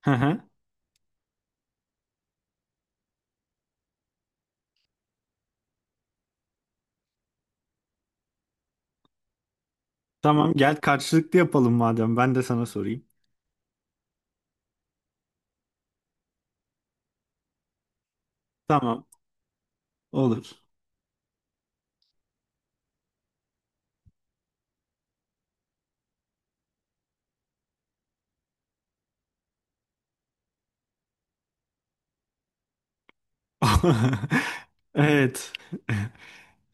Hı hı. Tamam, gel karşılıklı yapalım madem. Ben de sana sorayım. Tamam, olur. Evet.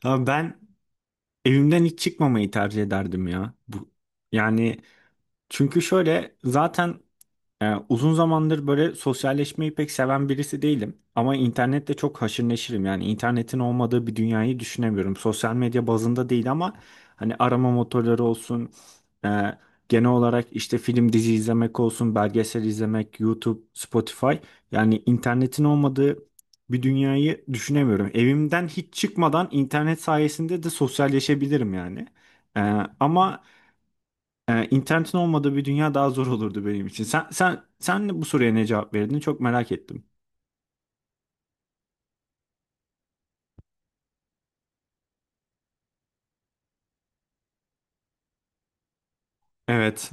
Ya ben evimden hiç çıkmamayı tercih ederdim ya. Bu, yani, çünkü şöyle zaten uzun zamandır böyle sosyalleşmeyi pek seven birisi değilim. Ama internette çok haşır neşirim. Yani internetin olmadığı bir dünyayı düşünemiyorum. Sosyal medya bazında değil ama hani arama motorları olsun, e, genel olarak işte film dizi izlemek olsun, belgesel izlemek, YouTube, Spotify. Yani internetin olmadığı bir dünyayı düşünemiyorum. Evimden hiç çıkmadan internet sayesinde de sosyalleşebilirim yani. Ee, ama internetin olmadığı bir dünya daha zor olurdu benim için. Sen bu soruya ne cevap verdin? Çok merak ettim. Evet.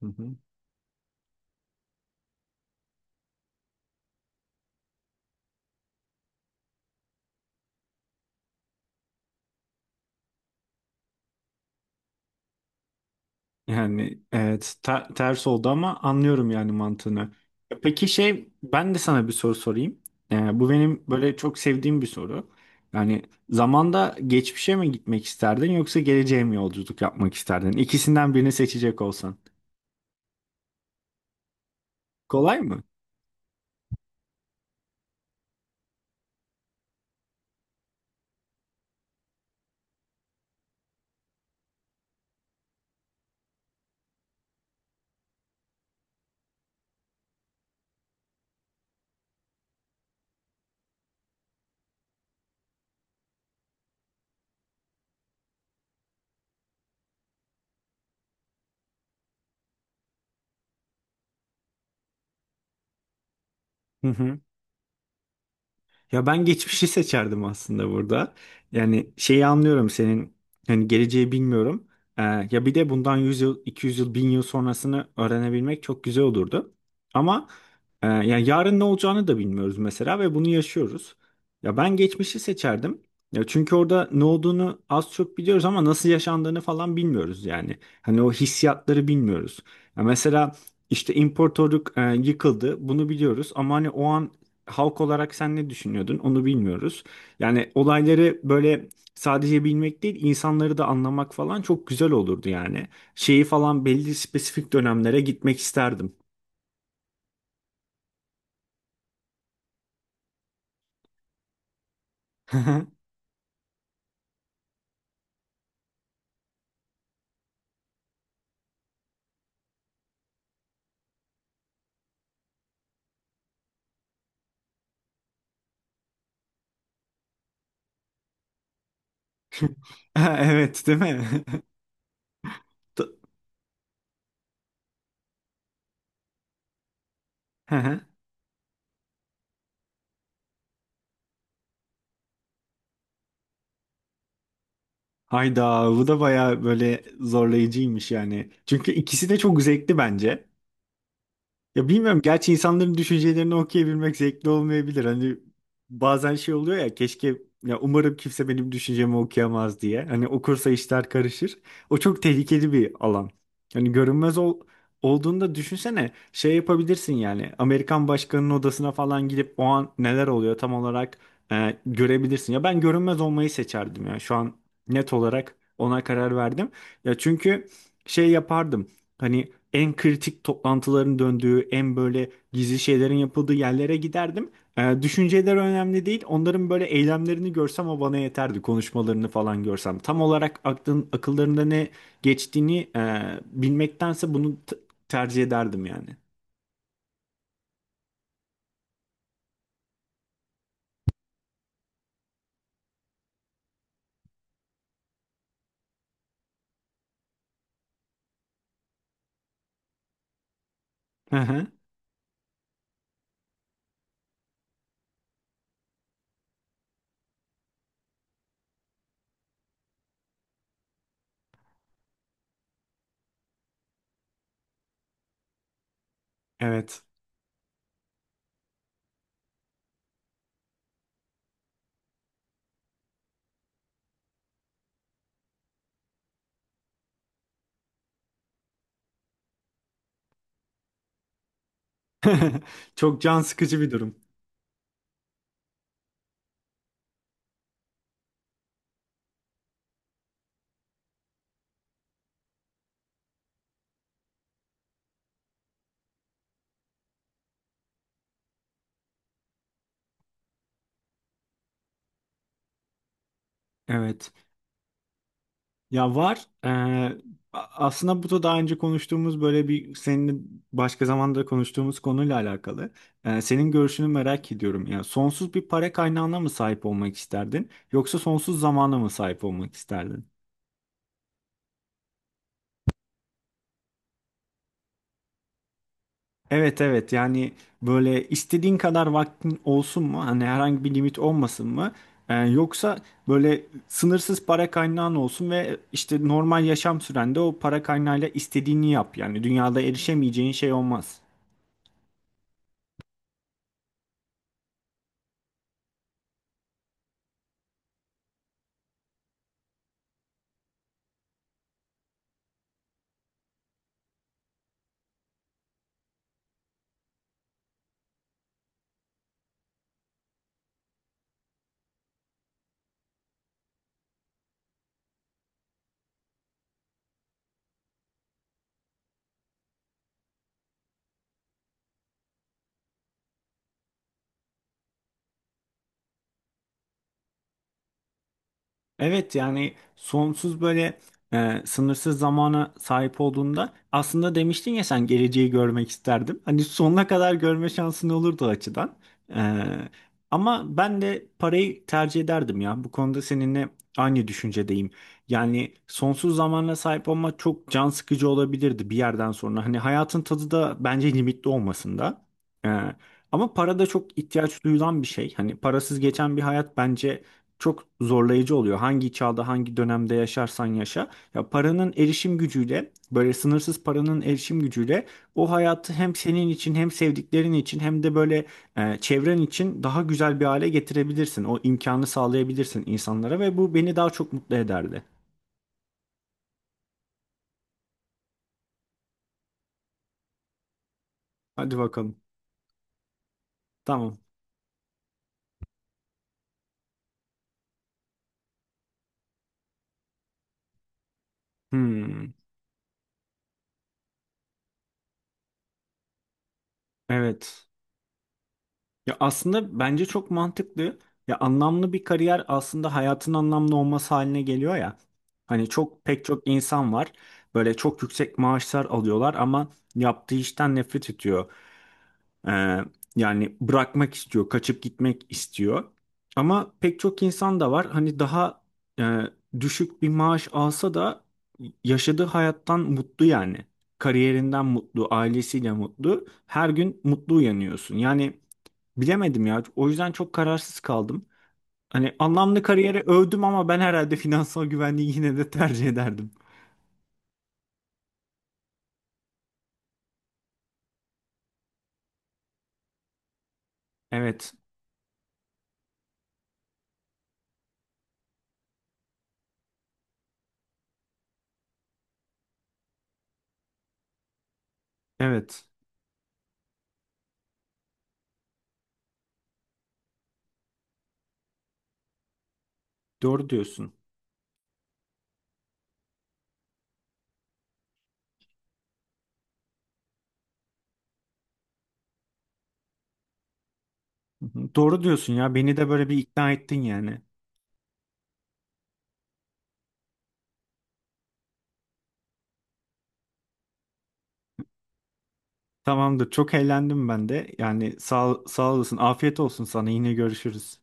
Hı hı. Yani evet, ters oldu ama anlıyorum yani mantığını. E, peki, şey, ben de sana bir soru sorayım. Bu benim böyle çok sevdiğim bir soru. Yani zamanda geçmişe mi gitmek isterdin yoksa geleceğe mi yolculuk yapmak isterdin? İkisinden birini seçecek olsan. Kolay mı? Ya ben geçmişi seçerdim aslında burada. Yani şeyi anlıyorum, senin hani geleceği bilmiyorum. Ee, Ya bir de bundan 100 yıl, 200 yıl, 1000 yıl sonrasını öğrenebilmek çok güzel olurdu. Ama ya yarın ne olacağını da bilmiyoruz mesela ve bunu yaşıyoruz. Ya ben geçmişi seçerdim. Ya çünkü orada ne olduğunu az çok biliyoruz ama nasıl yaşandığını falan bilmiyoruz yani. Hani o hissiyatları bilmiyoruz. Ya mesela işte imparatorluk yıkıldı. Bunu biliyoruz ama hani o an halk olarak sen ne düşünüyordun onu bilmiyoruz. Yani olayları böyle sadece bilmek değil insanları da anlamak falan çok güzel olurdu yani. Şeyi falan belli spesifik dönemlere gitmek isterdim. Evet değil mi? T- Hayda, bu da bayağı böyle zorlayıcıymış yani. Çünkü ikisi de çok zevkli bence. Ya bilmiyorum, gerçi insanların düşüncelerini okuyabilmek zevkli olmayabilir. Hani bazen şey oluyor ya, keşke ya, umarım kimse benim düşüncemi okuyamaz diye. Hani okursa işler karışır. O çok tehlikeli bir alan. Hani olduğunda düşünsene şey yapabilirsin yani Amerikan başkanının odasına falan gidip o an neler oluyor tam olarak görebilirsin. Ya ben görünmez olmayı seçerdim ya, şu an net olarak ona karar verdim. Ya çünkü şey yapardım. Hani en kritik toplantıların döndüğü, en böyle gizli şeylerin yapıldığı yerlere giderdim. Düşünceleri önemli değil. Onların böyle eylemlerini görsem o bana yeterdi. Konuşmalarını falan görsem. Tam olarak akıllarında ne geçtiğini bilmektense bunu tercih ederdim yani. Hı hı. Evet. Çok can sıkıcı bir durum. Evet. Ya var. Aslında bu da daha önce konuştuğumuz böyle bir seninle başka zamanda konuştuğumuz konuyla alakalı. Senin görüşünü merak ediyorum. Yani sonsuz bir para kaynağına mı sahip olmak isterdin yoksa sonsuz zamana mı sahip olmak isterdin? Evet, evet, yani böyle istediğin kadar vaktin olsun mu? Hani herhangi bir limit olmasın mı? Yoksa böyle sınırsız para kaynağın olsun ve işte normal yaşam sürende o para kaynağıyla istediğini yap. Yani dünyada erişemeyeceğin şey olmaz. Evet, yani sonsuz böyle sınırsız zamana sahip olduğunda aslında demiştin ya sen, geleceği görmek isterdim. Hani sonuna kadar görme şansın olurdu o açıdan. E, Ama ben de parayı tercih ederdim ya. Bu konuda seninle aynı düşüncedeyim. Yani sonsuz zamana sahip olmak çok can sıkıcı olabilirdi bir yerden sonra. Hani hayatın tadı da bence limitli olmasında. E, Ama para da çok ihtiyaç duyulan bir şey. Hani parasız geçen bir hayat bence çok zorlayıcı oluyor. Hangi çağda, hangi dönemde yaşarsan yaşa. Ya paranın erişim gücüyle, böyle sınırsız paranın erişim gücüyle o hayatı hem senin için hem sevdiklerin için hem de böyle çevren için daha güzel bir hale getirebilirsin. O imkanı sağlayabilirsin insanlara ve bu beni daha çok mutlu ederdi. Hadi bakalım. Tamam. Hmm, evet. Ya aslında bence çok mantıklı. Ya anlamlı bir kariyer aslında hayatın anlamlı olması haline geliyor ya. Hani çok pek çok insan var. Böyle çok yüksek maaşlar alıyorlar ama yaptığı işten nefret ediyor. Ee, Yani bırakmak istiyor, kaçıp gitmek istiyor. Ama pek çok insan da var. Hani daha e, düşük bir maaş alsa da yaşadığı hayattan mutlu yani. Kariyerinden mutlu, ailesiyle mutlu. Her gün mutlu uyanıyorsun. Yani bilemedim ya. O yüzden çok kararsız kaldım. Hani anlamlı kariyeri övdüm ama ben herhalde finansal güvenliği yine de tercih ederdim. Evet. Evet. Doğru diyorsun. Hı hı. Doğru diyorsun ya. Beni de böyle bir ikna ettin yani. Tamamdır. Çok eğlendim ben de. Yani sağ olasın. Afiyet olsun sana. Yine görüşürüz.